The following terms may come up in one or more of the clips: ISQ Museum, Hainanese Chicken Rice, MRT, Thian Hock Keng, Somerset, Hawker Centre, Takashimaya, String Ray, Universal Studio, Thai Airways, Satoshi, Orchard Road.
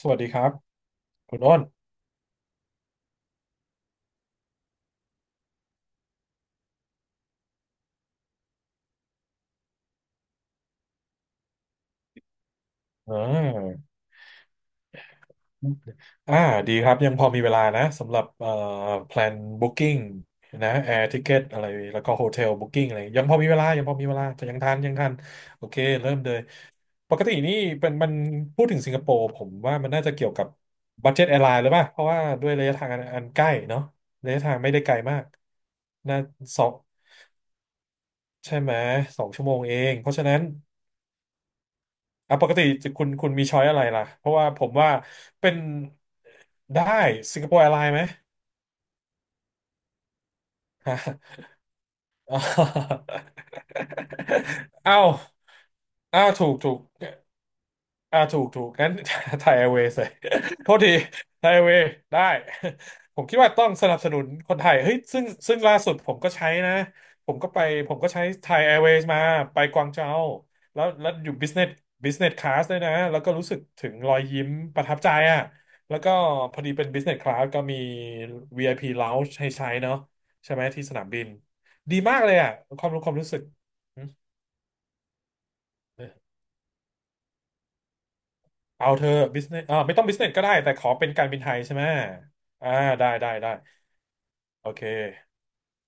สวัสดีครับคุณอ้นอ่าอ่าดีครับยังพอมีเวลานะสำหรับแพลนบุ๊คกิ้งนะแอร์ทิเกตอะไรแล้วก็โฮเทลบุ๊กิ้งอะไรยังพอมีเวลายังพอมีเวลาแต่ยังทันโอเคเริ่มเลยปกตินี่เป็นมันพูดถึงสิงคโปร์ผมว่ามันน่าจะเกี่ยวกับบั เจ็ตแอร์ไลน์หรือเปล่าเพราะว่าด้วยระยะทางอันใกล้เนาะระยะทางไม่ได้ไกลมากน่าสองใช่ไหม2 ชั่วโมงเองเพราะฉะนั้น อ่ะปกติคุณมีช้อยอะไรล่ะเพราะว่าผมว่าเป็นได้สิงคโปร์แอร์ไลน์ไหมฮะออ เอ้าวอ้าวถูกถูก ถูกถูกงั้น ไทยแอร์เวย์เลย โทษทีไทยแอร์เวย์ได้ ผมคิดว่าต้องสนับสนุนคนไทยเฮ้ยซึ่งล่าสุดผมก็ใช้นะผมก็ไปผมก็ใช้ไทยแอร์เวย์มาไปกวางเจาแล้วอยู่บิสเนสคลาสด้วยนะแล้วก็รู้สึกถึงรอยยิ้มประทับใจอ่ะแล้วก็พอดีเป็นบิสเนสคลาสก็มี VIP lounge ให้ใช้เนาะใช่ไหมที่สนามบินดีมากเลยอ่ะความรู้สึก เอาเธอบิสเนสไม่ต้องบิสเนสก็ได้แต่ขอเป็นการบินไทยใช่ไหมอ่าได้ได้ได้โอเค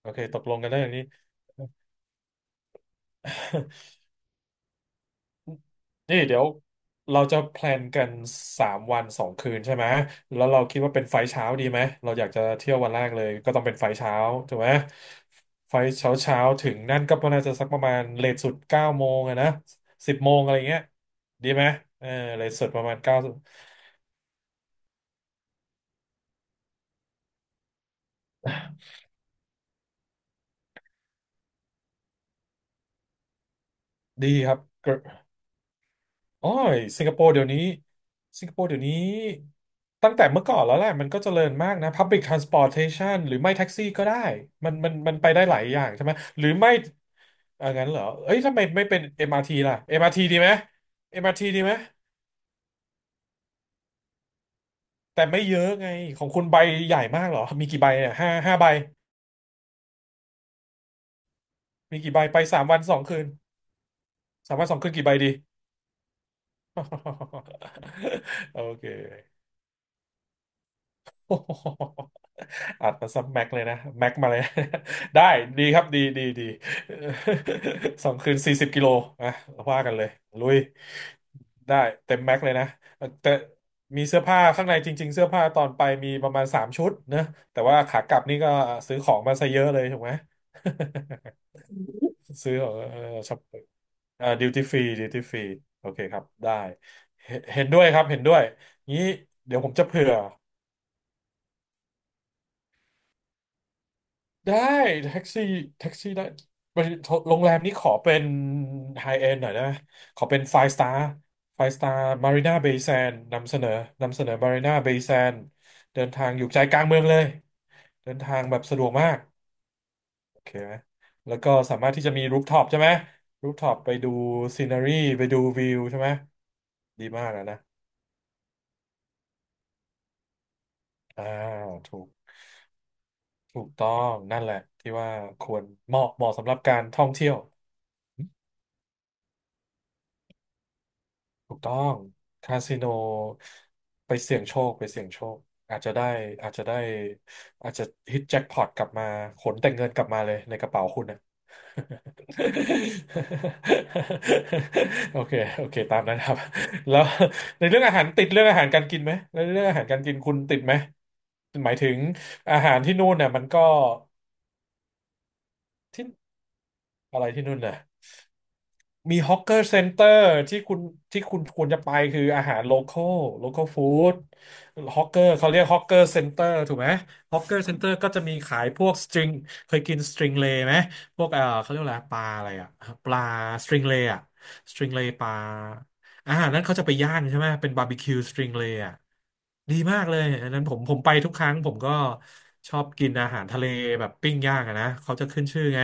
โอเคตกลงกันได้อย่างนี้ นี่เดี๋ยวเราจะแพลนกันสามวันสองคืนใช่ไหมแล้วเราคิดว่าเป็นไฟล์เช้าดีไหมเราอยากจะเที่ยววันแรกเลยก็ต้องเป็นไฟล์เช้าถูกไหมไฟล์เช้าเช้าถึงนั่นก็น่าจะสักประมาณเลทสุด9 โมงอะนะ10 โมงอะไรเงี้ยดีไหมเออเลทสุดประมาณเก้าดีครับ โอ้ยสิงคโปร์เดี๋ยวนี้สิงคโปร์เดี๋ยวนี้ตั้งแต่เมื่อก่อนแล้วแหละมันก็เจริญมากนะ Public Transportation หรือไม่แท็กซี่ก็ได้มันไปได้หลายอย่างใช่ไหมหรือไม่อ่างั้นเหรอเอ้ยทำไมไม่เป็น MRT ล่ะ MRT ดีไหม MRT ดีไหมแต่ไม่เยอะไงของคุณใบใหญ่มากเหรอมีกี่ใบเนี่ยห้าห้าใบมีกี่ใบไปสามวันสองคืนสามวันสองคืนกี่ใบดี โอเค อัดมาซับแม็กเลยนะแม็กมาเลย นะได้ดีครับดีดีดี สองคืน40 กิโลอ่ะว่ากันเลยลุยได้เต็มแม็กเลยนะแต่มีเสื้อผ้าข้างในจริงๆเสื้อผ้าตอนไปมีประมาณสามชุดเนอะแต่ว่าขากลับนี่ก็ซื้อของมาซะเยอะเลยถูกไหม ซื้อของเออช็อปดิวตี้ฟรีดิวตี้ฟรีโอเคครับได้เห็นด้วยครับเห็นด้วยงี้เดี๋ยวผมจะเผื่อ ได้แท็กซี่แท็กซี่ได้บริษัทโรงแรมนี้ขอเป็นไฮเอนด์หน่อยนะขอเป็นไฟสตาร์ไฟสตาร์มารีนาเบย์แซนนำเสนอนำเสนอมารีนาเบย์แซนเดินทางอยู่ใจกลางเมืองเลยเดินทางแบบสะดวกมากโอเคไหมแล้วก็สามารถที่จะมีรูฟท็อปใช่ไหมรูฟท็อปไปดูซีนารีไปดูวิวใช่ไหมดีมากนะนะอ่าถูกถูกต้องนั่นแหละที่ว่าควรเหมาะสำหรับการท่องเที่ยว ถูกต้องคาสิโนไปเสี่ยงโชคไปเสี่ยงโชคอาจจะได้อาจจะได้อาจจะฮิตแจ็คพอตกลับมาขนแต่เงินกลับมาเลยในกระเป๋าคุณนะ โอเคโอเคตามนั้นครับแล้วในเรื่องอาหารติดเรื่องอาหารการกินไหมแล้วเรื่องอาหารการกินคุณติดไหมหมายถึงอาหารที่นู่นเนี่ยมันก็ที่อะไรที่นู่นน่ะ มีฮอกเกอร์เซ็นเตอร์ที่คุณที่คุณควรจะไปคืออาหารโลคอลฟู้ดฮอกเกอร์เขาเรียกฮอกเกอร์เซ็นเตอร์ถูกไหมฮอกเกอร์เซ็นเตอร์ก็จะมีขายพวกสตริงเคยกินสตริงเลย์ไหมพวกเขาเรียกอะไรปลาอะไรอะปลาสตริงเลย์อะสตริงเลย์ปลาอาหารนั้นเขาจะไปย่างใช่ไหมเป็นบาร์บีคิวสตริงเลย์อะดีมากเลยอันนั้นผมไปทุกครั้งผมก็ชอบกินอาหารทะเลแบบปิ้งย่างอะนะเขาจะขึ้นชื่อไง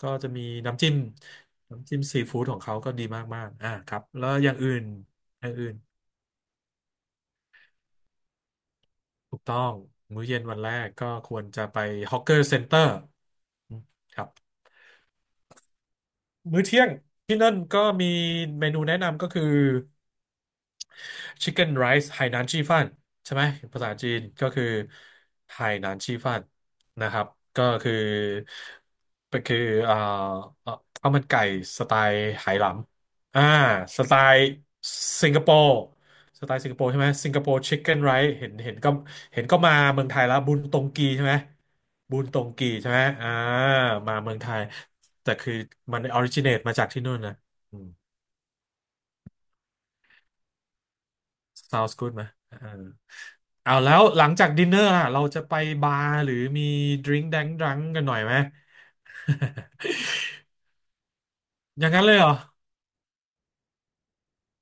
ก็จะมีน้ำจิ้มน้ำจิ้มซีฟู้ดของเขาก็ดีมากๆอ่าครับแล้วอย่างอื่นอย่างอื่นถูกต้องมื้อเย็นวันแรกก็ควรจะไปฮอกเกอร์เซ็นเตอร์ครับมื้อเที่ยงที่นั่นก็มีเมนูแนะนำก็คือ Chicken Rice ไหหนานชี่ฟั่นใช่ไหมภาษาจีนก็คือไหหนานชี่ฟั่นนะครับก็คือก็คือเอ่อข้าวมันไก่สไตล์ไหหลำอ่าสไตล์สิงคโปร์สไตล์สิงคโปร์ใช่ไหมสิงคโปร์ชิคเก้นไรซ์เห็นก็มาเมืองไทยแล้วบุญตงกีใช่ไหมบุญตงกีใช่ไหมอ่ามาเมืองไทยแต่คือมันออริจิเนตมาจากที่นู่นนะอืม sounds good ไหมเออเอาแล้วหลังจากดินเนอร์ล่ะเราจะไปบาร์หรือมีดริง k ์แดงดังกันหน่อยไหม อย่างนั้นเลยเหรอ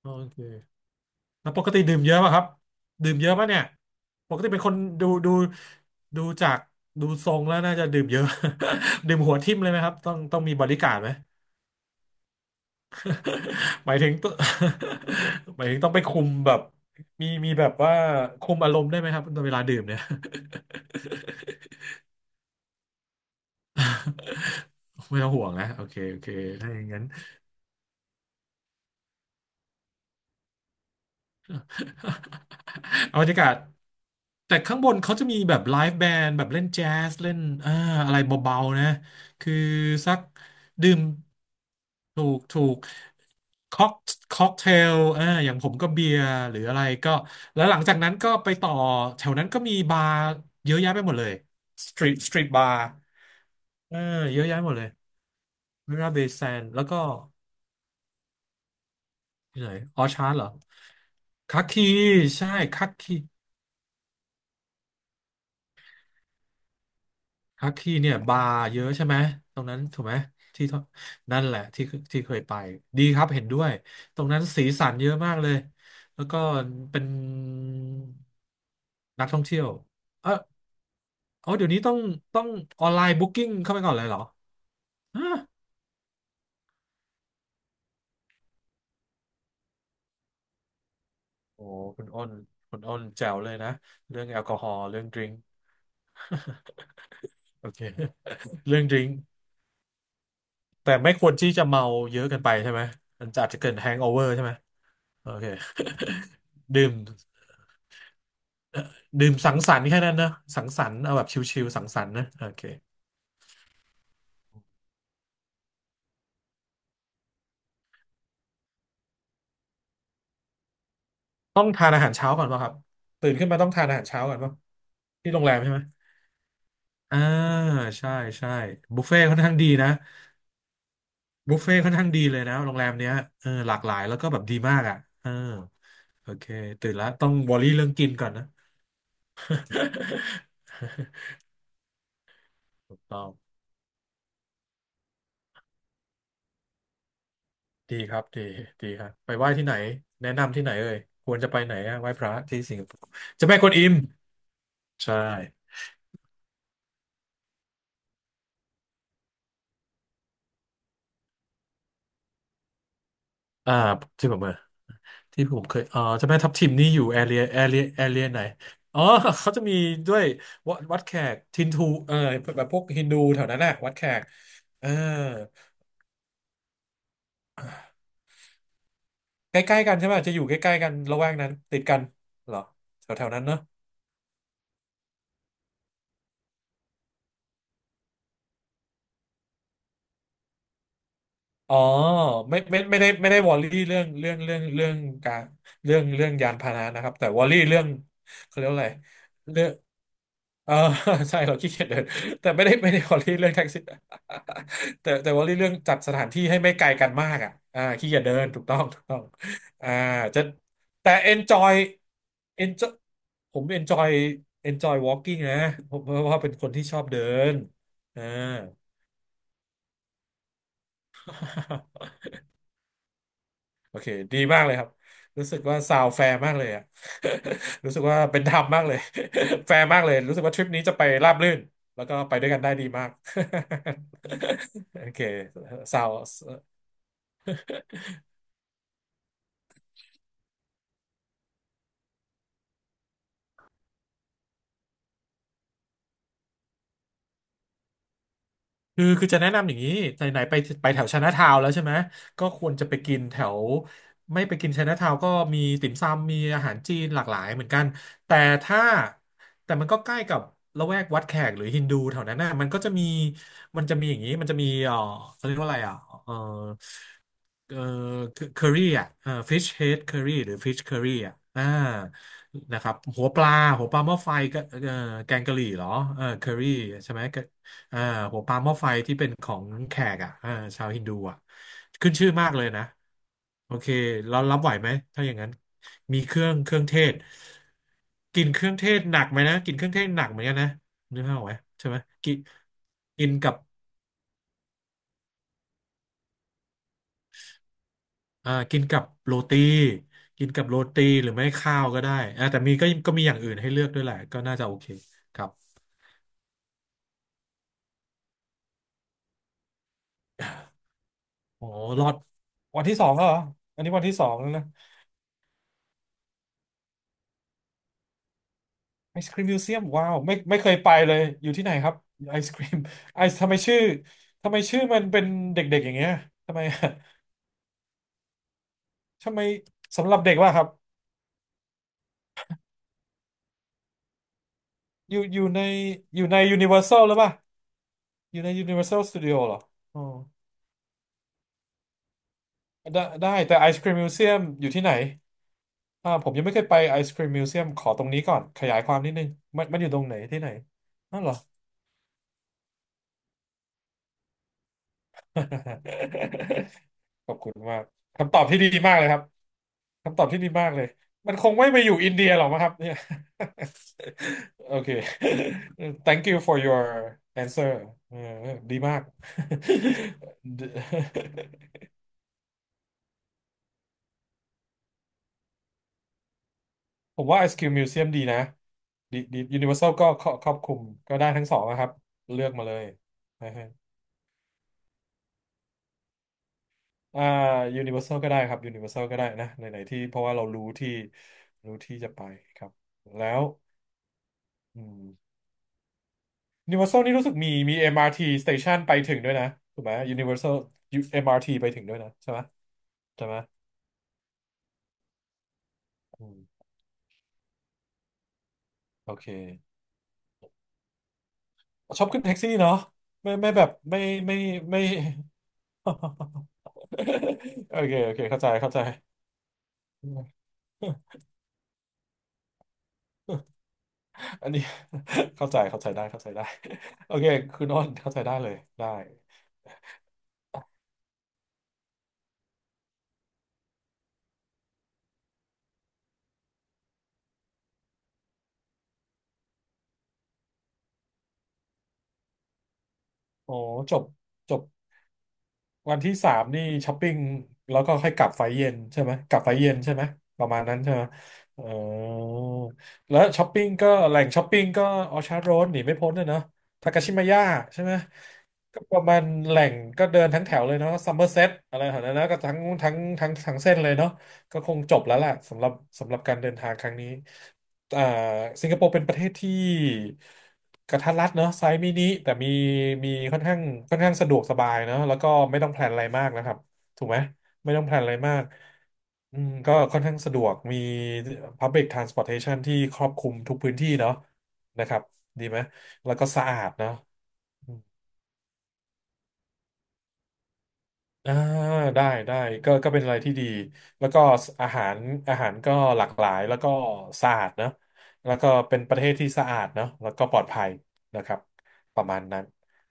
โอเคแล้วปกติดื่มเยอะป่ะครับ ดื่มเยอะป่ะเนี่ยปกติเป็นคนดูดูดูจากดูทรงแล้วน่าจะดื่มเยอะ ดื่มหัวทิ่มเลยไหมครับ ต้องมีบอดี้การ์ดไหม หมายถึงตัว หมายถึงต้องไปคุมแบบมีแบบว่าคุมอารมณ์ได้ไหมครับตอนเวลาดื่มเนี่ย ไม่ต้องห่วงนะโอเคโอเคถ้าอย่างนั้น เอาบรรยากาศแต่ข้างบนเขาจะมีแบบไลฟ์แบนด์แบบเล่นแจ๊สเล่นอ่าอะไรเบาๆนะคือสักดื่มถูกค็อกค็อกเทลอย่างผมก็เบียร์หรืออะไรก็แล้วหลังจากนั้นก็ไปต่อแถวนั้นก็มีบาร์เยอะแยะไปหมดเลยสตรีทบาร์เออเยอะแยะหมดเลยมิราเบซันแล้วก็ที่ไหนออชาร์ดเหรอคักคีใช่คักคี ฮักที่เนี่ยบาร์เยอะใช่ไหมตรงนั้นถูกไหมที่ท่อนั่นแหละที่เคยไปดีครับเห็นด้วยตรงนั้นสีสันเยอะมากเลยแล้วก็เป็นนักท่องเที่ยวเอออ๋อเดี๋ยวนี้ต้องออนไลน์บุ๊กิ้งเข้าไปก่อนเลยเหรอฮะโอ้คุณอ้นคุณอ้นแจ๋วเลยนะเรื่องแอลกอฮอล์เรื่องดริง โอเคเรื่องดริงแต่ไม่ควรที่จะเมาเยอะเกินไปใช่ไหมมันจะอาจจะเกิดแฮงโอเวอร์ใช่ไหมโอเค ดื่ม ดื่มสังสรรค์แค่นั้นนะสังสรรค์เอาแบบชิลๆสังสรรค์นะโอเคต้องทานอาหารเช้าก่อนป่ะครับตื่นขึ้นมาต้องทานอาหารเช้าก่อนป่ะที่โรงแรมใช่ไหมอ่าใช่ใช่บุฟเฟ่ต์ค่อนข้างดีนะบุฟเฟ่ต์ค่อนข้างดีเลยนะโรงแรมเนี้ยเออหลากหลายแล้วก็แบบดีมากอ่ะเออโอเคตื่นแล้วต้องวอรี่เรื่องกินก่อนนะ ถูกต้องดีดีครับไปไหว้ที่ไหนแนะนำที่ไหนเอ่ยควรจะไปไหนอะไหว้พระที่สิงคโปร์เจะแม่กวนอิมใช่อ่าที่ผมเออ ที่ผมเคยเจ้าแม่ทับทิมนี่อยู่แอเรียไหน อ๋อ เขาจะมีด้วยวัดแขกทินทูแบบพวกฮินดูแถวนั้นแหละ วัดแขกเออใกล้ๆกันใช่ไหม จะอยู่ใกล้ๆกันละแวกนั้นติดกันเหรอแถวๆนั้นเนอะ อ๋อไม่ได้วอรี่เรื่องเรื่องเรื่องเรื่องการเรื่องเรื่องยานพาหนะนะครับแต่วอรี่เรื่องเขาเรียกว่าอะไรเรื่องเออ ใช่เราขี้เกียจเดินแต่ไม่ได้วอรี่เรื่องแท็กซี่ แต่วอรี่เรื่องจัดสถานที่ให้ไม่ไกลกันมากอ่ะอ่าขี้เกียจเดินถูกต้องอ่าจะแต่ enjoy ผม enjoy enjoy walking นะผมเพราะว่าเป็นคนที่ชอบเดินอ่า โอเค ดีมากเลยครับ รู้สึกว่าซาวแฟร์มากเลยอะ รู้สึกว่าเป็นธรรมมากเลย แฟร์มากเลย รู้สึกว่าทริปนี้จะไปราบรื่น แล้วก็ไปด้วยกันได้ดีมาก โอเคซาว คือจะแนะนำอย่างนี้ไหนไหนไปไปแถวไชน่าทาวน์แล้วใช่ไหมก็ควรจะไปกินแถวไม่ไปกินไชน่าทาวน์ก็มีติ่มซำมีอาหารจีนหลากหลายเหมือนกันแต่ถ้าแต่มันก็ใกล้กับละแวกวัดแขกหรือฮินดูแถวนั้นน่ะมันก็จะมีมันจะมีเออเขาเรียกว่าอะไรอ่ะเออเออเคอรี่อ่ะเออฟิชเฮดเคอรี่หรือฟิชเคอรี่อ่ะอ่านะครับหัวปลาหม้อไฟก็เออแกงกะหรี่เหรอเออเคอรี่ใช่ไหม อ่าหัวปลาหม้อไฟที่เป็นของแขกอ่ะอ่าชาวฮินดูอ่ะขึ้นชื่อมากเลยนะโอเคเรารับไหวไหมถ้าอย่างนั้นมีเครื่องเทศกินเครื่องเทศหนักไหมนะกินเครื่องเทศหนักเหมือนกันนะนึกภาพออกไหมใช่ไหมกินกินกับอ่ากินกับโรตีกินกับโรตีหรือไม่ข้าวก็ได้อ่าแต่มีก็มีอย่างอื่นให้เลือกด้วยแหละก็น่าจะโอเคครับโอ้รอดวันที่สองแล้วเหรออันนี้วันที่สองแล้วนะ ไอศครีมมิวเซียมว้าวไม่เคยไปเลยอยู่ที่ไหนครับไอศครีมไอซ์ ทำไมชื่อทำไมชื่อมันเป็นเด็กๆอย่างเงี้ยทำไม ทำไมสำหรับเด็กว่ครับอยู่อยู่ในอยู่ใน Universal หรือเปล่าอยู่ใน Universal Studio เหรออ๋อได้แต่ไอศครีมมิวเซียมอยู่ที่ไหนผมยังไม่เคยไปไอศครีมมิวเซียมขอตรงนี้ก่อนขยายความนิดนึงมันอยู่ตรงไหนที่ไหนนั่นเหรอ ขอบคุณมากคำตอบที่ดีมากเลยครับ คำตอบที่ดีมากเลย มันคงไม่ไปอยู่อินเดียหรอกมั้งครับเนี่ย โอเค thank you for your answer เออดีมาก ผมว่า ISQ Museum ดีนะดีดี Universal ก็ครอบคลุมก็ได้ทั้งสองนะครับเลือกมาเลยนะฮะอ่า Universal ก็ได้ครับ Universal ก็ได้นะไหนๆที่เพราะว่าเรารู้ที่รู้ที่จะไปครับแล้วอืม Universal นี่รู้สึกมี MRT station ไปถึงด้วยนะถูกไหม Universal ยูเอ็มอาร MRT ไปถึงด้วยนะใช่ไหมใช่ไหมอืมโอเคชอบขึ้นแท็กซี่เนาะไม่แบบไม่ไม่ โอเคโอเคเข้าใจเข้าใจ อันนี้ เข้าใจเข้าใจได้เข้าใจได้ โอเคคุณอ้นเข้าใจได้เลยได้โอ้จบจบ วันที่สามนี่ช้อปปิ้งแล้วก็ค่อยกลับไฟเย็นใช่ไหมกลับไฟเย็นใช่ไหมประมาณนั้นใช่ไหมเออแล้วช้อปปิ้งก็แหล่งช้อปปิ้งก็ออชาร์ดโรดหนีไม่พ้นเลยเนาะทากาชิมายะใช่ไหมก็ประมาณแหล่งก็เดินทั้งแถวเลยเนาะซัมเมอร์เซ็ตอะไรแถวนั้นนะก็ทั้งเส้นเลยเนาะก็คงจบแล้วแหละสำหรับสำหรับการเดินทางครั้งนี้ อ่าสิงคโปร์เป็นประเทศที่กระทัดรัดเนอะไซส์มินิแต่มีมีค่อนข้างค่อนข้างสะดวกสบายเนอะแล้วก็ไม่ต้องแพลนอะไรมากนะครับถูกไหมไม่ต้องแพลนอะไรมากอืมก็ค่อนข้างสะดวกมี Public Transportation ที่ครอบคลุมทุกพื้นที่เนาะนะครับดีไหมแล้วก็สะอาดเนาะ อ่าได้ก็เป็นอะไรที่ดีแล้วก็อาหารอาหารก็หลากหลายแล้วก็สะอาดเนอะแล้วก็เป็นประเทศที่สะอาดเนอะแล้วก็ปลอดภัยนะครับประมาณนั้น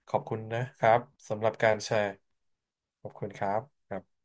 ขอบคุณนะครับสำหรับการแชร์ขอบคุณครับ